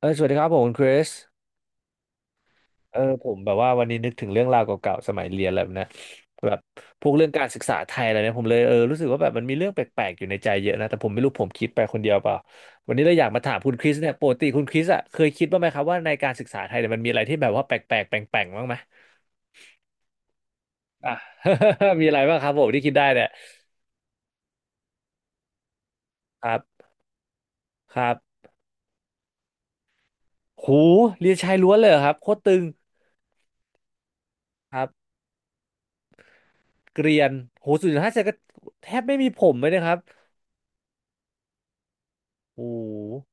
สวัสดีครับผมคุณคริสผมแบบว่าวันนี้นึกถึงเรื่องราวเก่าๆสมัยเรียนอะไรแบบนะแบบพวกเรื่องการศึกษาไทยอะไรเนี่ยผมเลยรู้สึกว่าแบบมันมีเรื่องแปลกๆอยู่ในใจเยอะนะแต่ผมไม่รู้ผมคิดไปคนเดียวเปล่าวันนี้เราอยากมาถามคุณคริสเนี่ยปกติคุณคริสอ่ะเคยคิดบ้างไหมครับว่าในการศึกษาไทยเนี่ยมันมีอะไรที่แบบว่าแปลกๆแปลงๆบ้างไหมอ่ะ มีอะไรบ้างครับผมที่คิดได้เนี่ยครับครับหูเรียนชายล้วนเลยเหรอครับโคตรตึงครับเกรียนโหศูนย์จุดห้าเซนก็แทบไม่มีผมเลยนะครับโห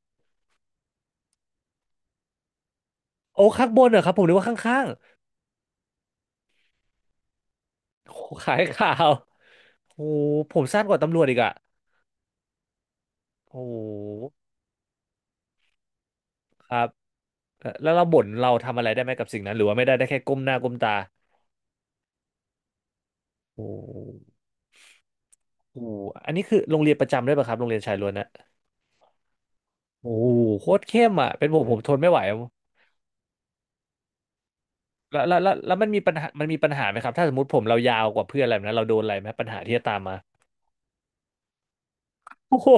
โอ้ข้างบนเหรอครับผมนึกว่าข้างๆโอ้ขายข่าวโอ้ผมสั้นกว่าตำรวจอีกอะโอ้ครับเอ่อแล้วเราบ่นเราทำอะไรได้ไหมกับสิ่งนั้นหรือว่าไม่ได้ได้แค่ก้มหน้าก้มตาโอ้โหอันนี้คือโรงเรียนประจำด้วยป่ะครับโรงเรียนชายล้วนนะโอ้โหโคตรเข้มอ่ะเป็นผมผมทนไม่ไหวอะแล้วมันมีปัญหาไหมครับถ้าสมมติผมเรายาวกว่าเพื่อนอะไรแบบนั้นเราโดนอะไรไหมปัญหาที่จะตามมาโอ้โห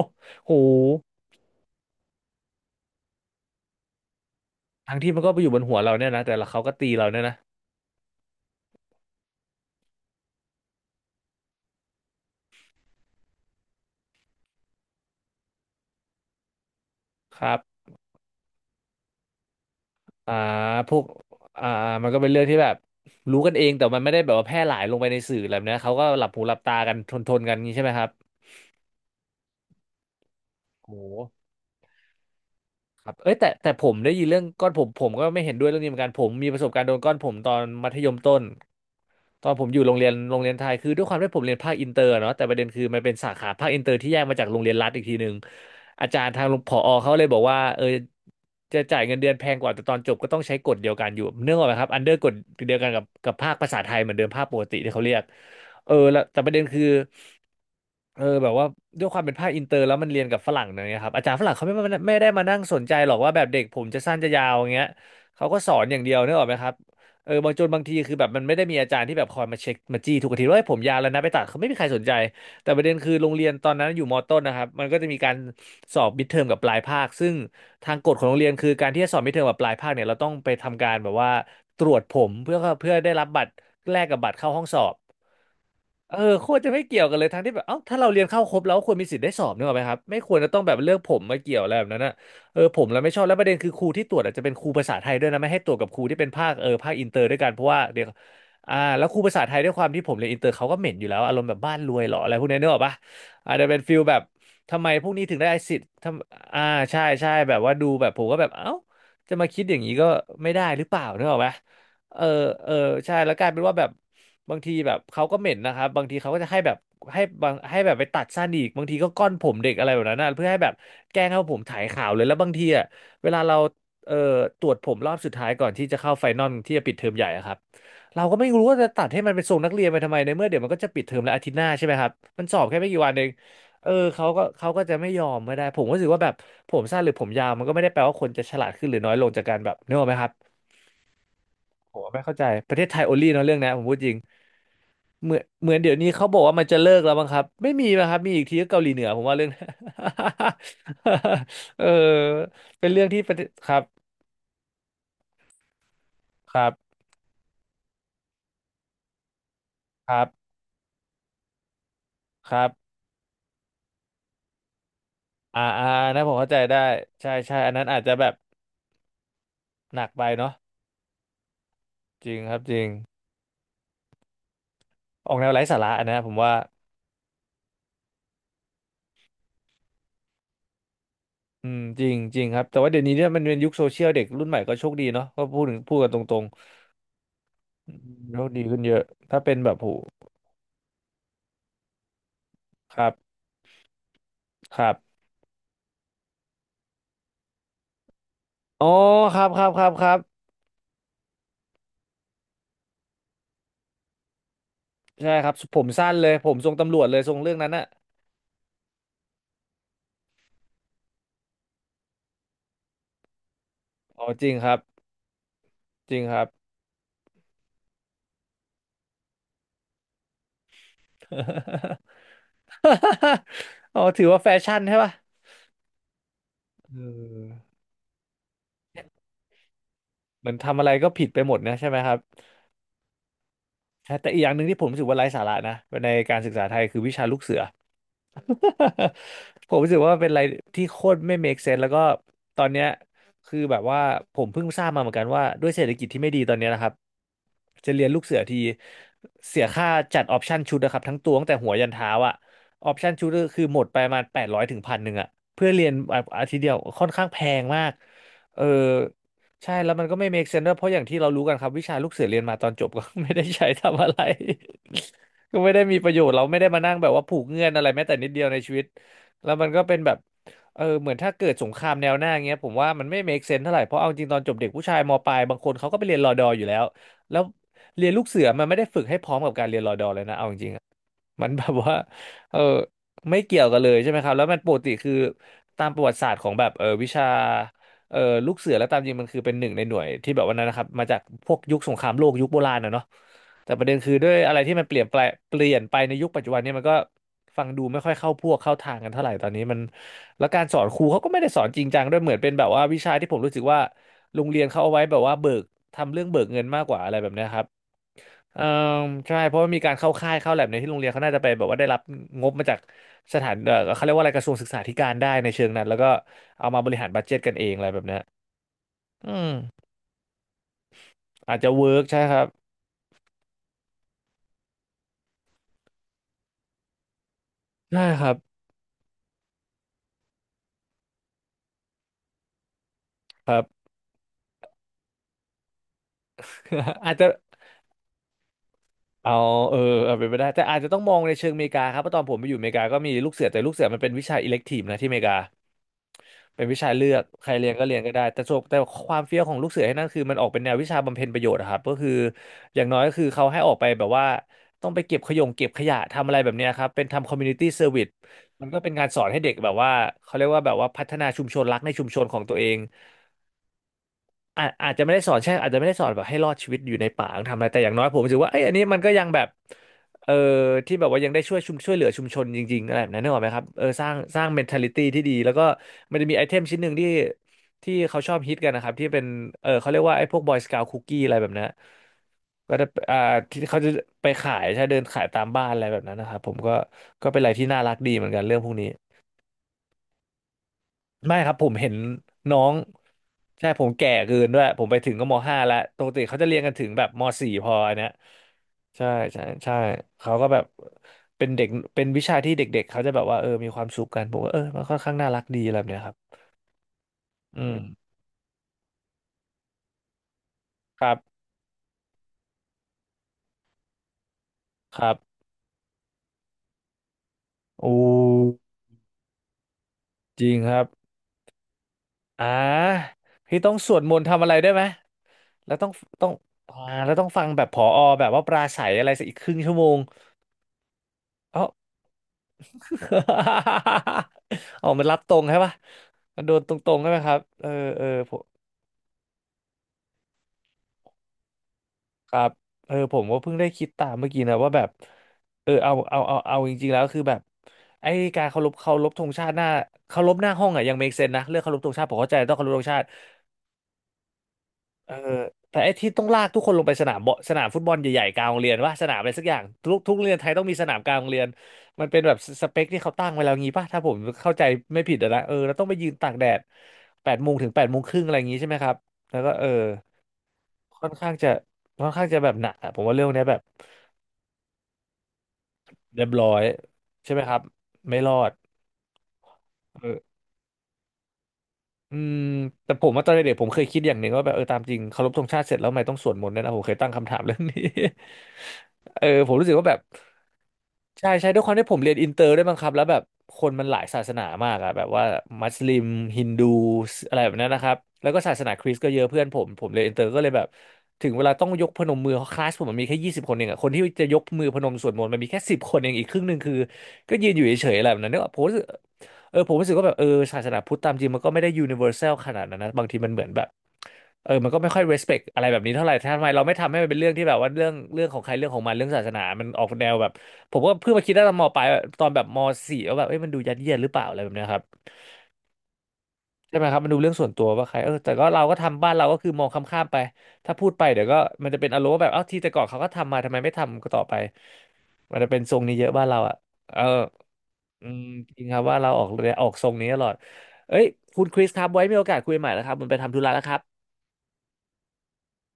โอ้โหทั้งที่มันก็ไปอยู่บนหัวเราเนี่ยนะแต่ละเขาก็ตีเราเนี่ยนะครับ อ่าพวกอ่ามันก็เป็นเรื่องที่แบบรู้กันเองแต่มันไม่ได้แบบว่าแพร่หลายลงไปในสื่ออะไรแบบเนี้ยเขาก็หลับหูหลับตากันทนกันงนี้ใช่ไหมครับโห ครับเอ้ยแต่ผมได้ยินเรื่องก้อนผมผมก็ไม่เห็นด้วยเรื่องนี้เหมือนกันผมมีประสบการณ์โดนก้อนผมตอนมัธยมต้นตอนผมอยู่โรงเรียนไทยคือด้วยความที่ผมเรียนภาคอินเตอร์เนาะแต่ประเด็นคือมันเป็นสาขาภาคอินเตอร์ที่แยกมาจากโรงเรียนรัฐอีกทีหนึ่งอาจารย์ทางผอเขาเลยบอกว่าจะจ่ายเงินเดือนแพงกว่าแต่ตอนจบก็ต้องใช้กฎเดียวกันอยู่เนื่องออกไหมครับอันเดอร์กฎเดียวกันกับภาคภาษาไทยเหมือนเดิมภาคปกติที่เขาเรียกเออแล้วแต่ประเด็นคือ แบบว่าด้วยความเป็นภาคอินเตอร์แล้วมันเรียนกับฝรั่งเนยครับอาจารย์ฝรั่งเขาไม่มาไม่ได้มานั่งสนใจหรอกว่าแบบเด็กผมจะสั้นจะยาวอย่างเงี้ยเขาก็สอนอย่างเดียวนึกออกไหมครับเออบางทีคือแบบมันไม่ได้มีอาจารย์ที่แบบคอยมาเช็คมาจี้ทุกอาทิตย์ว่าเฮ้ยผมยาวแล้วนะไปตัดเขาไม่มีใครสนใจแต่ประเด็นคือโรงเรียนตอนนั้นอยู่มต้นนะครับมันก็จะมีการสอบมิดเทอมกับปลายภาคซึ่งทางกฎของโรงเรียนคือการที่จะสอบมิดเทอมกับปลายภาคเนี่ยเราต้องไปทำการแบบว่าตรวจผมเพื่อได้รับบัตรแลกกับบัตรเข้าห้องสอบ เออโคตรจะไม่เกี่ยวกันเลยทั้งที่แบบเอ้าถ้าเราเรียนเข้าครบแล้วควรมีสิทธิ์ได้สอบนึกออกไหมครับไม่ควรจะต้องแบบเลือกผมมาเกี่ยวอะไรแบบนั้นนะเออผมเราไม่ชอบแล้วประเด็นคือครูที่ตรวจอาจจะเป็นครูภาษาไทยด้วยนะไม่ให้ตรวจกับครูที่เป็นภาคภาคอินเตอร์ด้วยกันเพราะว่าเดี๋ยวอ่าแล้วครูภาษาไทยด้วยความที่ผมเรียนอินเตอร์เขาก็เหม็นอยู่แล้วอารมณ์แบบบ้านรวยเหรออะไรพวกนี้นึกออกปะอาจจะเป็นฟิลแบบทำไมพวกนี้ถึงได้สิทธิ์ทำอ่าใช่ใช่แบบว่าดูแบบผมก็แบบเอ้าจะมาคิดอย่างนี้ก็ไม่ได้หรือเปล่านึกออกปะเออเออใช่แล้วกลายเป็นว่าแบบ บางทีแบบเขาก็เหม็นนะครับบางทีเขาก็จะให้แบบให้แบบไปตัดสั้นอีกบางทีก็ก้อนผมเด็กอะไรแบบนั้นนะเพื่อให้แบบแกล้งให้ผมถ่ายขาวเลยแล้วบางทีอ่ะเวลาเราเอ่อตรวจผมรอบสุดท้ายก่อนที่จะเข้าไฟนอลที่จะปิดเทอมใหญ่อะครับเราก็ไม่รู้ว่าจะตัดให้มันเป็นทรงนักเรียนไปทำไมในเมื่อเดี๋ยวมันก็จะปิดเทอมแล้วอาทิตย์หน้าใช่ไหมครับมันสอบแค่ไม่กี่วันเองเออเขาก็จะไม่ยอมไม่ได้ผมก็รู้สึกว่าแบบผมสั้นหรือผมยาวมันก็ไม่ได้แปลว่าคนจะฉลาดขึ้นหรือน้อยลงจากการแบบนึกออกไหมครับผมไม่เข้าใจประเทศไทยโอลี่เนาะเรื่องนี้ผมพูดจริง เหมือนเดี๋ยวนี้เขาบอกว่ามันจะเลิกแล้วมั้งครับไม่มีนะครับมีอีกทีก็เกาหลีเหนือผมว่าเรื่อง เออเป็นเรื่องที่ประเทศครับครับครับครับอ่าอ่านะผมเข้าใจได้ใช่ใช่อันนั้นอาจจะแบบหนักไปเนาะจริงครับจริงออกแนวไร้สาระอันนะผมว่าอืมจริงจริงครับแต่ว่าเดี๋ยวนี้เนี่ยมันเป็นยุคโซเชียลเด็กรุ่นใหม่ก็โชคดีเนาะก็พูดกันตรงๆอืมโชคดีขึ้นเยอะถ้าเป็นแบบผูครับครับอ๋อครับครับครับครับ ใช่ครับผมสั้นเลยผมทรงตำรวจเลยทรงเรื่องนั้นอะอ๋อจริงครับจริงครับ อ๋อถือว่าแฟชั่นใช่ป่ะเออเหมือนทำอะไรก็ผิดไปหมดนะใช่ไหมครับ ใช่แต่อีกอย่างหนึ่งที่ผมรู้สึกว่าไร้สาระนะในการศึกษาไทยคือวิชาลูกเสือ ผมรู้สึกว่าเป็นอะไรที่โคตรไม่ make sense แล้วก็ตอนเนี้ยคือแบบว่าผมเพิ่งทราบมาเหมือนกันว่าด้วยเศรษฐกิจที่ไม่ดีตอนเนี้ยนะครับจะเรียนลูกเสือทีเสียค่าจัดออปชั่นชุดนะครับทั้งตัวตั้งแต่หัวยันเท้าอะออปชั่นชุดก็คือหมดไปประมาแปดร้อยถึงพันหนึ่งอะเพื่อเรียนอาทิตย์เดียวค่อนข้างแพงมากเออ ใช่แล้วมันก็ไม่ make sense ด้วยเพราะอย่างที่เรารู้กันครับวิชาลูกเสือเรียนมาตอนจบก็ ไม่ได้ใช้ทำอะไร ก็ไม่ได้มีประโยชน์เราไม่ได้มานั่งแบบว่าผูกเงื่อนอะไรแม้แต่นิดเดียวในชีวิตแล้วมันก็เป็นแบบเออเหมือนถ้าเกิดสงครามแนวหน้าเงี้ยผมว่ามันไม่ make sense เท่าไหร่เพราะเอาจริงตอนจบเด็กผู้ชายมปลายบางคนเขาก็ไปเรียนรอดออยู่แล้วแล้วเรียนลูกเสือมันไม่ได้ฝึกให้พร้อมกับการเรียนรอดอเลยนะเอาจริง มันแบบว่าเออไม่เกี่ยวกันเลยใช่ไหมครับแล้วมันปกติคือตามประวัติศาสตร์ของแบบวิชาเออลูกเสือแล้วตามจริงมันคือเป็นหนึ่งในหน่วยที่แบบว่านั้นนะครับมาจากพวกยุคสงครามโลกยุคโบราณนะเนาะแต่ประเด็นคือด้วยอะไรที่มันเปลี่ยนแปลงเปลี่ยนไปในยุคปัจจุบันเนี่ยมันก็ฟังดูไม่ค่อยเข้าพวกเข้าทางกันเท่าไหร่ตอนนี้มันแล้วการสอนครูเขาก็ไม่ได้สอนจริงจังด้วยเหมือนเป็นแบบว่าวิชาที่ผมรู้สึกว่าโรงเรียนเขาเอาไว้แบบว่าเบิกทำเรื่องเบิกเงินมากกว่าอะไรแบบเนี้ยครับ เออใช่เพราะว่ามีการเข้าค่ายเข้าแลบในที่โรงเรียนเขาน่าจะไปแบบว่าได้รับงบมาจากสถานเออเขาเรียกว่าอะไรกระทรวงศึกษาธิการได้ในเชิงนั้นแล้วก็เอามาบริหารบัดเจ็ตกันเองอะไรแบบเนี้ยอืมอาจจะเวิร์กใช่ครับใช่ครับครับ อาจจะเอาเออเอาเป็นไปได้แต่อาจจะต้องมองในเชิงอเมริกาครับเพราะตอนผมไปอยู่อเมริกาก็มีลูกเสือแต่ลูกเสือมันเป็นวิชาอิเล็กทีฟนะที่อเมริกา เป็นวิชาเลือกใครเรียนก็เรียนก็ได้แต่ความเฟี้ยวของลูกเสือให้นั่นคือมันออกเป็นแนววิชาบำเพ็ญประโยชน์อะครับก็คืออย่างน้อยก็คือเขาให้ออกไปแบบว่าต้องไปเก็บขยะทำอะไรแบบเนี้ยครับเป็นทำคอมมูนิตี้เซอร์วิสมันก็เป็นการสอนให้เด็กแบบว่าเขาเรียกว่าแบบว่าพัฒนาชุมชนรักในชุมชนของตัวเอง อาจจะไม่ได้สอนใช่อาจจะไม่ได้สอนแบบให้รอดชีวิตอยู่ในป่าต้องทำอะไรแต่อย่างน้อยผมรู้สึกว่าเอ้ยอันนี้มันก็ยังแบบเออที่แบบว่ายังได้ช่วยเหลือชุมชนจริงๆอะไรแบบนั้นนึกออกไหมครับเออสร้าง m e ท t a ิตี้ที่ดีแล้วก็มันจะมีไอเทมชิ้นหนึ่งที่ที่เขาชอบฮิตกันนะครับที่เป็นเขาเรียกว่าไอ้พวก Boy Scout Cookie อะไรแบบนั้นก็จะที่เขาจะไปขายใช่เดินขายตามบ้านอะไรแบบนั้นนะครับผมก็เป็นอะไรที่น่ารักดีเหมือนกันเรื่องพวกนี้ ไม่ครับผมเห็นน้องใช่ผมแก่เกินด้วยผมไปถึงก็มห้าแล้วปกติเขาจะเรียนกันถึงแบบมสี่พออันเนี้ยใช่ใช่ใช่เขาก็แบบเป็นเด็กเป็นวิชาที่เด็กๆเขาจะแบบว่าเออมีความสุขกันผมก็เออมันค่อนข้างน่ารักดีอะไรแบบเนี้ยครับอือมมครับครับโอ้จริงครับอ่าพี่ต้องสวดมนต์ทำอะไรได้วยไหมแล้วต้องอ่าแล้วต้องฟังแบบผอแบบว่าปราศัยอะไรสักอีกครึ่งชั่วโมง อ๋อมันรับตรงใช่ปะมันโดนตรงๆใช่ไหมครับเออเออผมครับเออผมก็เพิ่งได้คิดตามเมื่อกี้นะว่าแบบเออเอาจริงๆแล้วคือแบบไอ้การเคารพธงชาติหน้าเคารพหน้าห้องอ่ะยัง make sense นะเรื่องเคารพธงชาติผมเข้าใจต้องเคารพธงชาติ เออแต่ไอ้ที่ต้องลากทุกคนลงไปสนามฟุตบอลใหญ่ๆกลางโรงเรียนว่าสนามอะไรสักอย่างทุกโรงเรียนไทยต้องมีสนามกลางโรงเรียนมันเป็นแบบสเปคที่เขาตั้งไว้แล้วงี้ป่ะถ้าผมเข้าใจไม่ผิดอะนะเออแล้วต้องไปยืนตากแดดแปดโมงถึง8 โมงครึ่งอะไรอย่างงี้ใช่ไหมครับแล้วก็เออค่อนข้างจะค่อนข้างจะแบบหนักอะผมว่าเรื่องเนี้ยแบบเรียบร้อยใช่ไหมครับไม่รอดเออ อืมแต่ผมว่าตอนเด็กๆผมเคยคิดอย่างหนึ่งว่าแบบเออตามจริงเคารพธงชาติเสร็จแล้วทำไมต้องสวดมนต์ด้วยนะผมเคยตั้งคำถามเรื่องนี้ เออผมรู้สึกว่าแบบใช่ใช่ด้วยความที่ผมเรียนอินเตอร์ด้วยมั้งครับแล้วแบบคนมันหลายศาสนามากอะแบบว่ามัสลิมฮินดูอะไรแบบนั้นนะครับแล้วก็ศาสนาคริสต์ก็เยอะเพื่อนผมผมเรียนอินเตอร์ก็เลยแบบถึงเวลาต้องยกพนมมือคลาสผมมันมีแค่20 คนเองอะคนที่จะยกมือพนมสวดมนต์มันมีแค่สิบคนเองอีกครึ่งหนึ่งคือก็ยืนอยู่เฉยๆอะไรแบบนั้นเนกอะผมรู้สึก เออผมรู้สึกว่าแบบเออศาสนาพุทธตามจริงมันก็ไม่ได้ยูนิเวอร์แซลขนาดนั้นนะบางทีมันเหมือนแบบเออมันก็ไม่ค่อย respect อะไรแบบนี้เท่าไหร่ทำไมเราไม่ทำให้มันเป็นเรื่องที่แบบว่าเรื่องของใครเรื่องของมันเรื่องศาสนามันออกแนวแบบผมก็เพิ่งมาคิดได้ตอนมปลายตอนแบบมสี่ว่าแบบเอ้ยมันดูยัดเยียดหรือเปล่าอะไรแบบเนี้ยครับใช่ไหมครับมันดูเรื่องส่วนตัวว่าใครเออแต่ก็เราก็ทำบ้านเราก็คือมองข้ามๆไปถ้าพูดไปเดี๋ยวก็มันจะเป็นอารมณ์ว่าแบบเอ้าที่แต่ก่อนเขาก็ทำมาทำไมไม่ทำก็ต่อไปมันจะเป็นทรงนี้เยอะบ้านเราอ่ะเออ อืมจริงครับว่าเราออกเรือออกทรงนี้ตลอดเอ้ยคุณคริสครับไว้มีโอกาสคุยใหม่แล้วครับผมันไปทำธุระแล้วครับ